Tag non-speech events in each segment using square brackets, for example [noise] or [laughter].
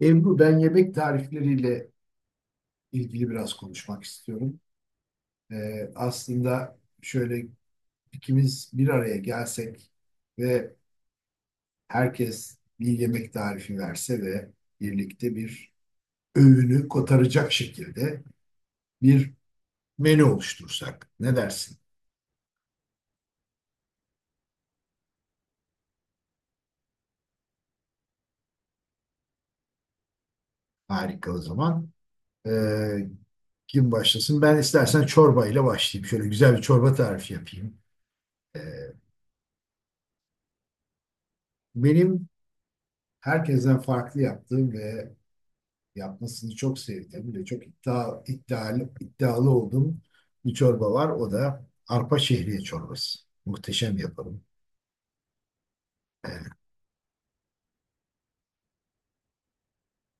Ebru, ben yemek tarifleriyle ilgili biraz konuşmak istiyorum. Aslında şöyle ikimiz bir araya gelsek ve herkes bir yemek tarifi verse ve birlikte bir öğünü kotaracak şekilde bir menü oluştursak. Ne dersin? Harika o zaman. Ee, Kim başlasın? Ben istersen çorba ile başlayayım. Şöyle güzel bir çorba tarifi yapayım. Ee, Benim herkesten farklı yaptığım ve yapmasını çok sevdiğim ve çok iddialı olduğum bir çorba var. O da arpa şehriye çorbası. Muhteşem yaparım. Evet.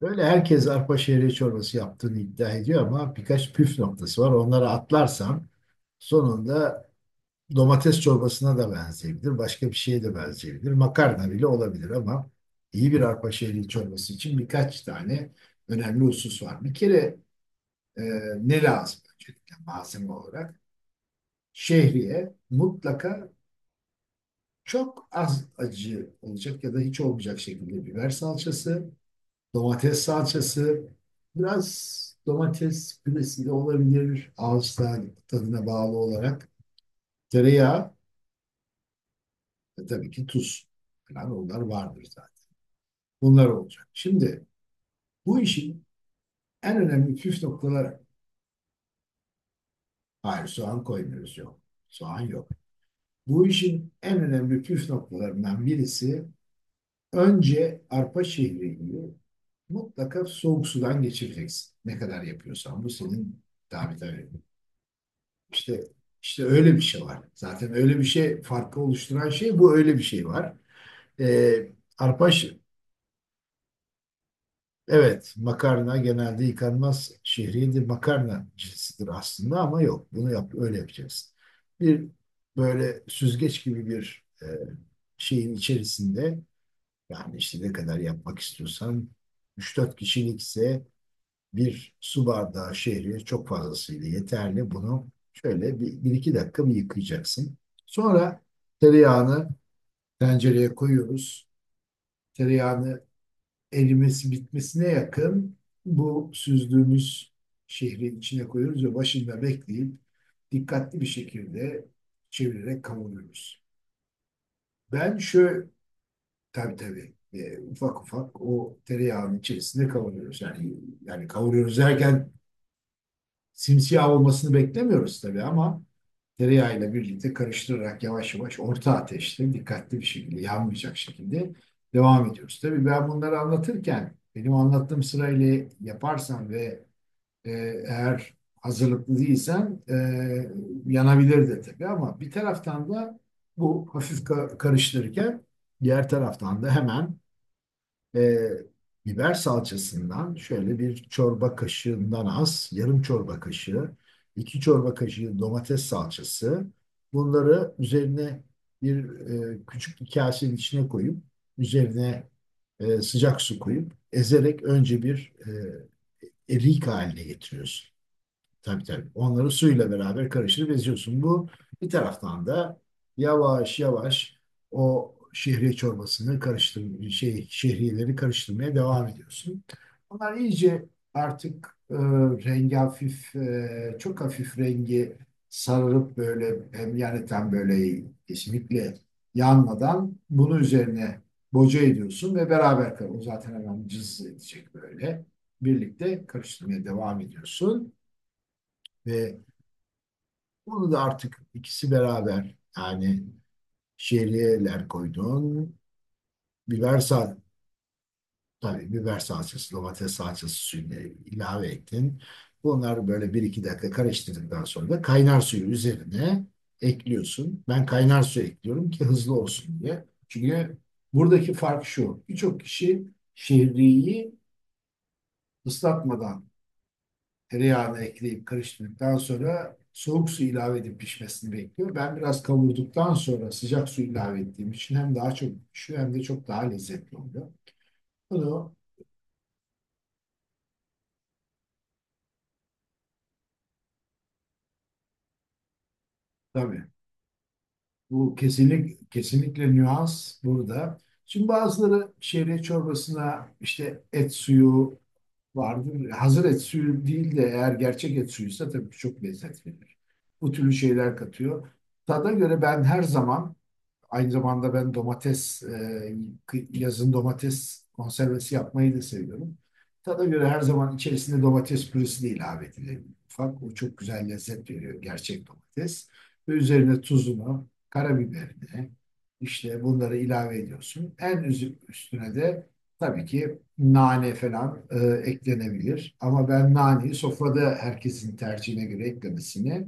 Böyle herkes arpa şehriye çorbası yaptığını iddia ediyor ama birkaç püf noktası var. Onları atlarsam sonunda domates çorbasına da benzeyebilir. Başka bir şeye de benzeyebilir. Makarna bile olabilir ama iyi bir arpa şehriye çorbası için birkaç tane önemli husus var. Bir kere e, ne lazım öncelikle malzeme olarak? Şehriye mutlaka, çok az acı olacak ya da hiç olmayacak şekilde biber salçası, domates salçası, biraz domates püresi de olabilir ağız tadına bağlı olarak, tereyağı ve tabii ki tuz falan onlar vardır zaten. Bunlar olacak. Şimdi bu işin en önemli püf noktaları. Hayır, soğan koymuyoruz, yok. Soğan yok. Bu işin en önemli püf noktalarından birisi, önce arpa şehriyi mutlaka soğuk sudan geçireceksin. Ne kadar yapıyorsan bu senin, tabii. İşte işte öyle bir şey var. Zaten öyle bir şey, farkı oluşturan şey bu, öyle bir şey var. Ee, arpa şe- evet, makarna genelde yıkanmaz, şehriyedir. Makarna cinsidir aslında ama yok. Bunu yap, öyle yapacaksın. Bir böyle süzgeç gibi bir şeyin içerisinde. Yani işte ne kadar yapmak istiyorsan, 3-4 kişilikse bir su bardağı şehriye çok fazlasıyla yeterli. Bunu şöyle bir iki dakika mı yıkayacaksın. Sonra tereyağını tencereye koyuyoruz. Tereyağını erimesi bitmesine yakın bu süzdüğümüz şehrin içine koyuyoruz ve başında bekleyip dikkatli bir şekilde çevirerek kavuruyoruz. Ben şu Tabii. Ufak ufak o tereyağının içerisinde kavuruyoruz. Yani kavuruyoruz derken simsiyah olmasını beklemiyoruz tabii ama tereyağıyla birlikte karıştırarak yavaş yavaş orta ateşte dikkatli bir şekilde yanmayacak şekilde devam ediyoruz. Tabii ben bunları anlatırken benim anlattığım sırayla yaparsan ve e, eğer hazırlıklı değilsen, yanabilir de tabii ama bir taraftan da bu hafif karıştırırken, diğer taraftan da hemen e, biber salçasından şöyle bir çorba kaşığından az, yarım çorba kaşığı, iki çorba kaşığı domates salçası. Bunları üzerine bir küçük bir kasenin içine koyup, üzerine sıcak su koyup, ezerek önce bir erik haline getiriyorsun. Tabii. Onları suyla beraber karıştırıp eziyorsun. Bu bir taraftan da yavaş yavaş o şehriye çorbasını karıştır şey şehriyeleri karıştırmaya devam ediyorsun. Onlar iyice artık rengi hafif, çok hafif rengi sararıp böyle, hem yani tam böyle kesinlikle yanmadan bunu üzerine boca ediyorsun ve beraber o zaten hemen cız edecek böyle. Birlikte karıştırmaya devam ediyorsun ve bunu da artık ikisi beraber, yani şehriyeler koydun. Biber sal Tabii biber salçası, domates salçası suyunu ilave ettin. Bunlar böyle bir iki dakika karıştırdıktan sonra da kaynar suyu üzerine ekliyorsun. Ben kaynar suyu ekliyorum ki hızlı olsun diye. Çünkü buradaki fark şu. Birçok kişi şehriyi ıslatmadan, tereyağını ekleyip karıştırdıktan sonra soğuk su ilave edip pişmesini bekliyor. Ben biraz kavurduktan sonra sıcak su ilave ettiğim için hem daha çok pişiyor hem de çok daha lezzetli oluyor. Bunu tabii, bu kesinlikle nüans burada. Şimdi bazıları şehriye çorbasına işte et suyu vardır. Hazır et suyu değil de eğer gerçek et suyuysa tabii çok lezzet verir. Bu türlü şeyler katıyor. Tada göre ben her zaman Aynı zamanda ben domates, yazın domates konservesi yapmayı da seviyorum. Tada göre her zaman içerisinde domates püresi de ilave edilir. Ufak, o çok güzel lezzet veriyor gerçek domates. Ve üzerine tuzunu, karabiberini, işte bunları ilave ediyorsun. En üstüne de tabii ki nane falan eklenebilir. Ama ben naneyi sofrada herkesin tercihine göre eklemesini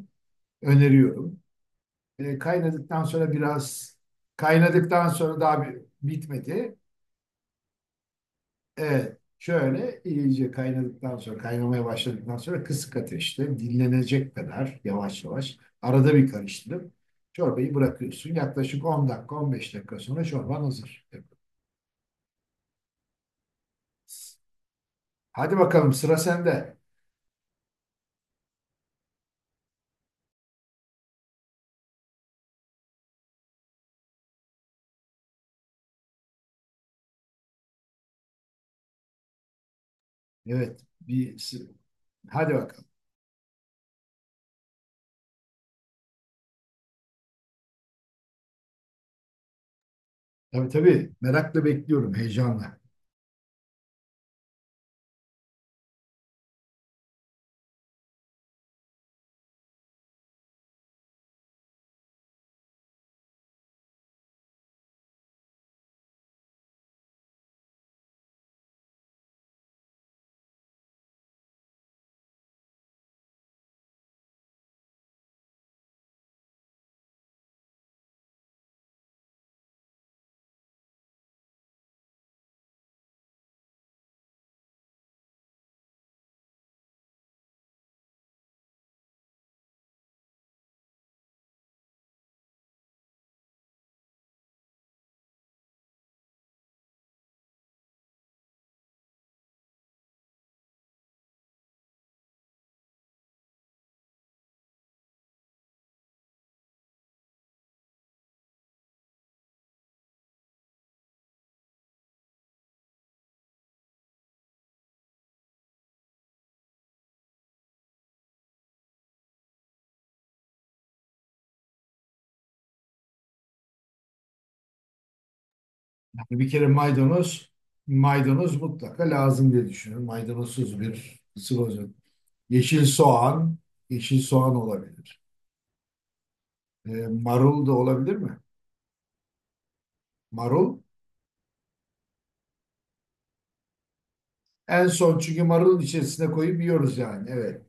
öneriyorum. E, kaynadıktan sonra biraz Kaynadıktan sonra daha bir, bitmedi. Evet. Şöyle iyice kaynadıktan sonra, kaynamaya başladıktan sonra kısık ateşte dinlenecek kadar yavaş yavaş arada bir karıştırıp çorbayı bırakıyorsun. Yaklaşık 10 dakika 15 dakika sonra çorban hazır. Hadi bakalım sıra sende. Evet. Bir, hadi bakalım. Tabii, merakla bekliyorum, heyecanla. Bir kere maydanoz, maydanoz mutlaka lazım diye düşünüyorum. Maydanozsuz bir sıvı yok. Yeşil soğan, Yeşil soğan olabilir. Marul da olabilir mi? Marul. En son, çünkü marulun içerisine koyup yiyoruz yani. Evet.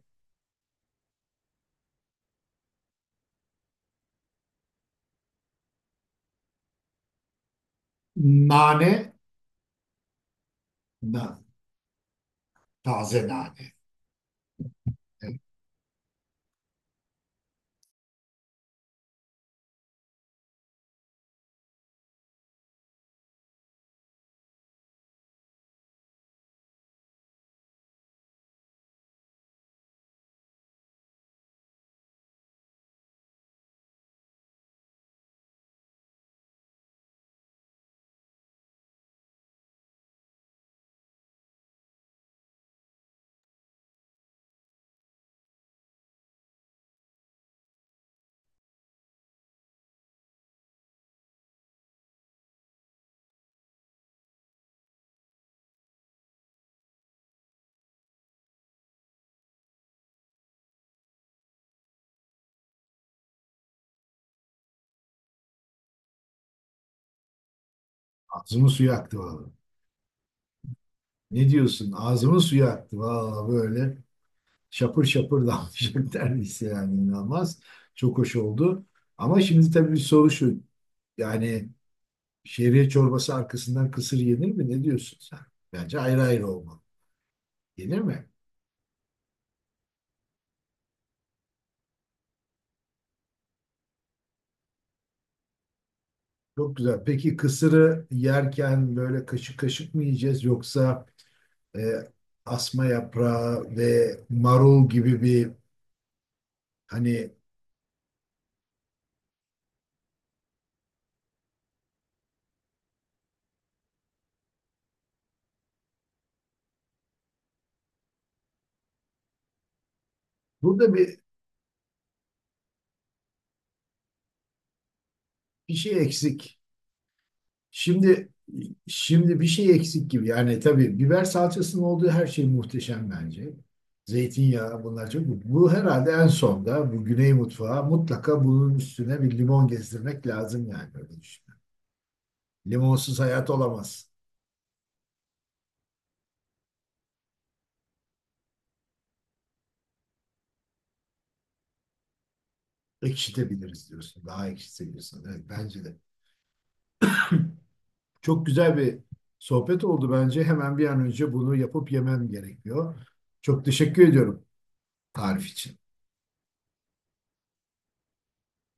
Nane, na, Taze nane. Evet. Ağzımın suyu aktı vallahi. Ne diyorsun? Ağzımın suyu aktı vallahi böyle. Şapır şapır damlayacak [laughs] neredeyse, yani inanılmaz. Çok hoş oldu. Ama şimdi tabii bir soru şu. Yani şehriye çorbası arkasından kısır yenir mi? Ne diyorsun sen? Bence ayrı ayrı olmalı. Yenir mi? Çok güzel. Peki kısırı yerken böyle kaşık kaşık mı yiyeceğiz yoksa e, asma yaprağı ve marul gibi bir, hani, burada bir bir şey eksik. Şimdi şimdi bir şey eksik gibi. Yani tabii biber salçasının olduğu her şey muhteşem bence. Zeytinyağı, bunlar çok. Bu herhalde en sonda, bu Güney mutfağı, mutlaka bunun üstüne bir limon gezdirmek lazım yani, öyle düşünüyorum. Limonsuz hayat olamaz. Ekşitebiliriz diyorsun. Daha ekşitebiliyorsun. Evet, bence de. Çok güzel bir sohbet oldu bence. Hemen bir an önce bunu yapıp yemem gerekiyor. Çok teşekkür ediyorum tarif için.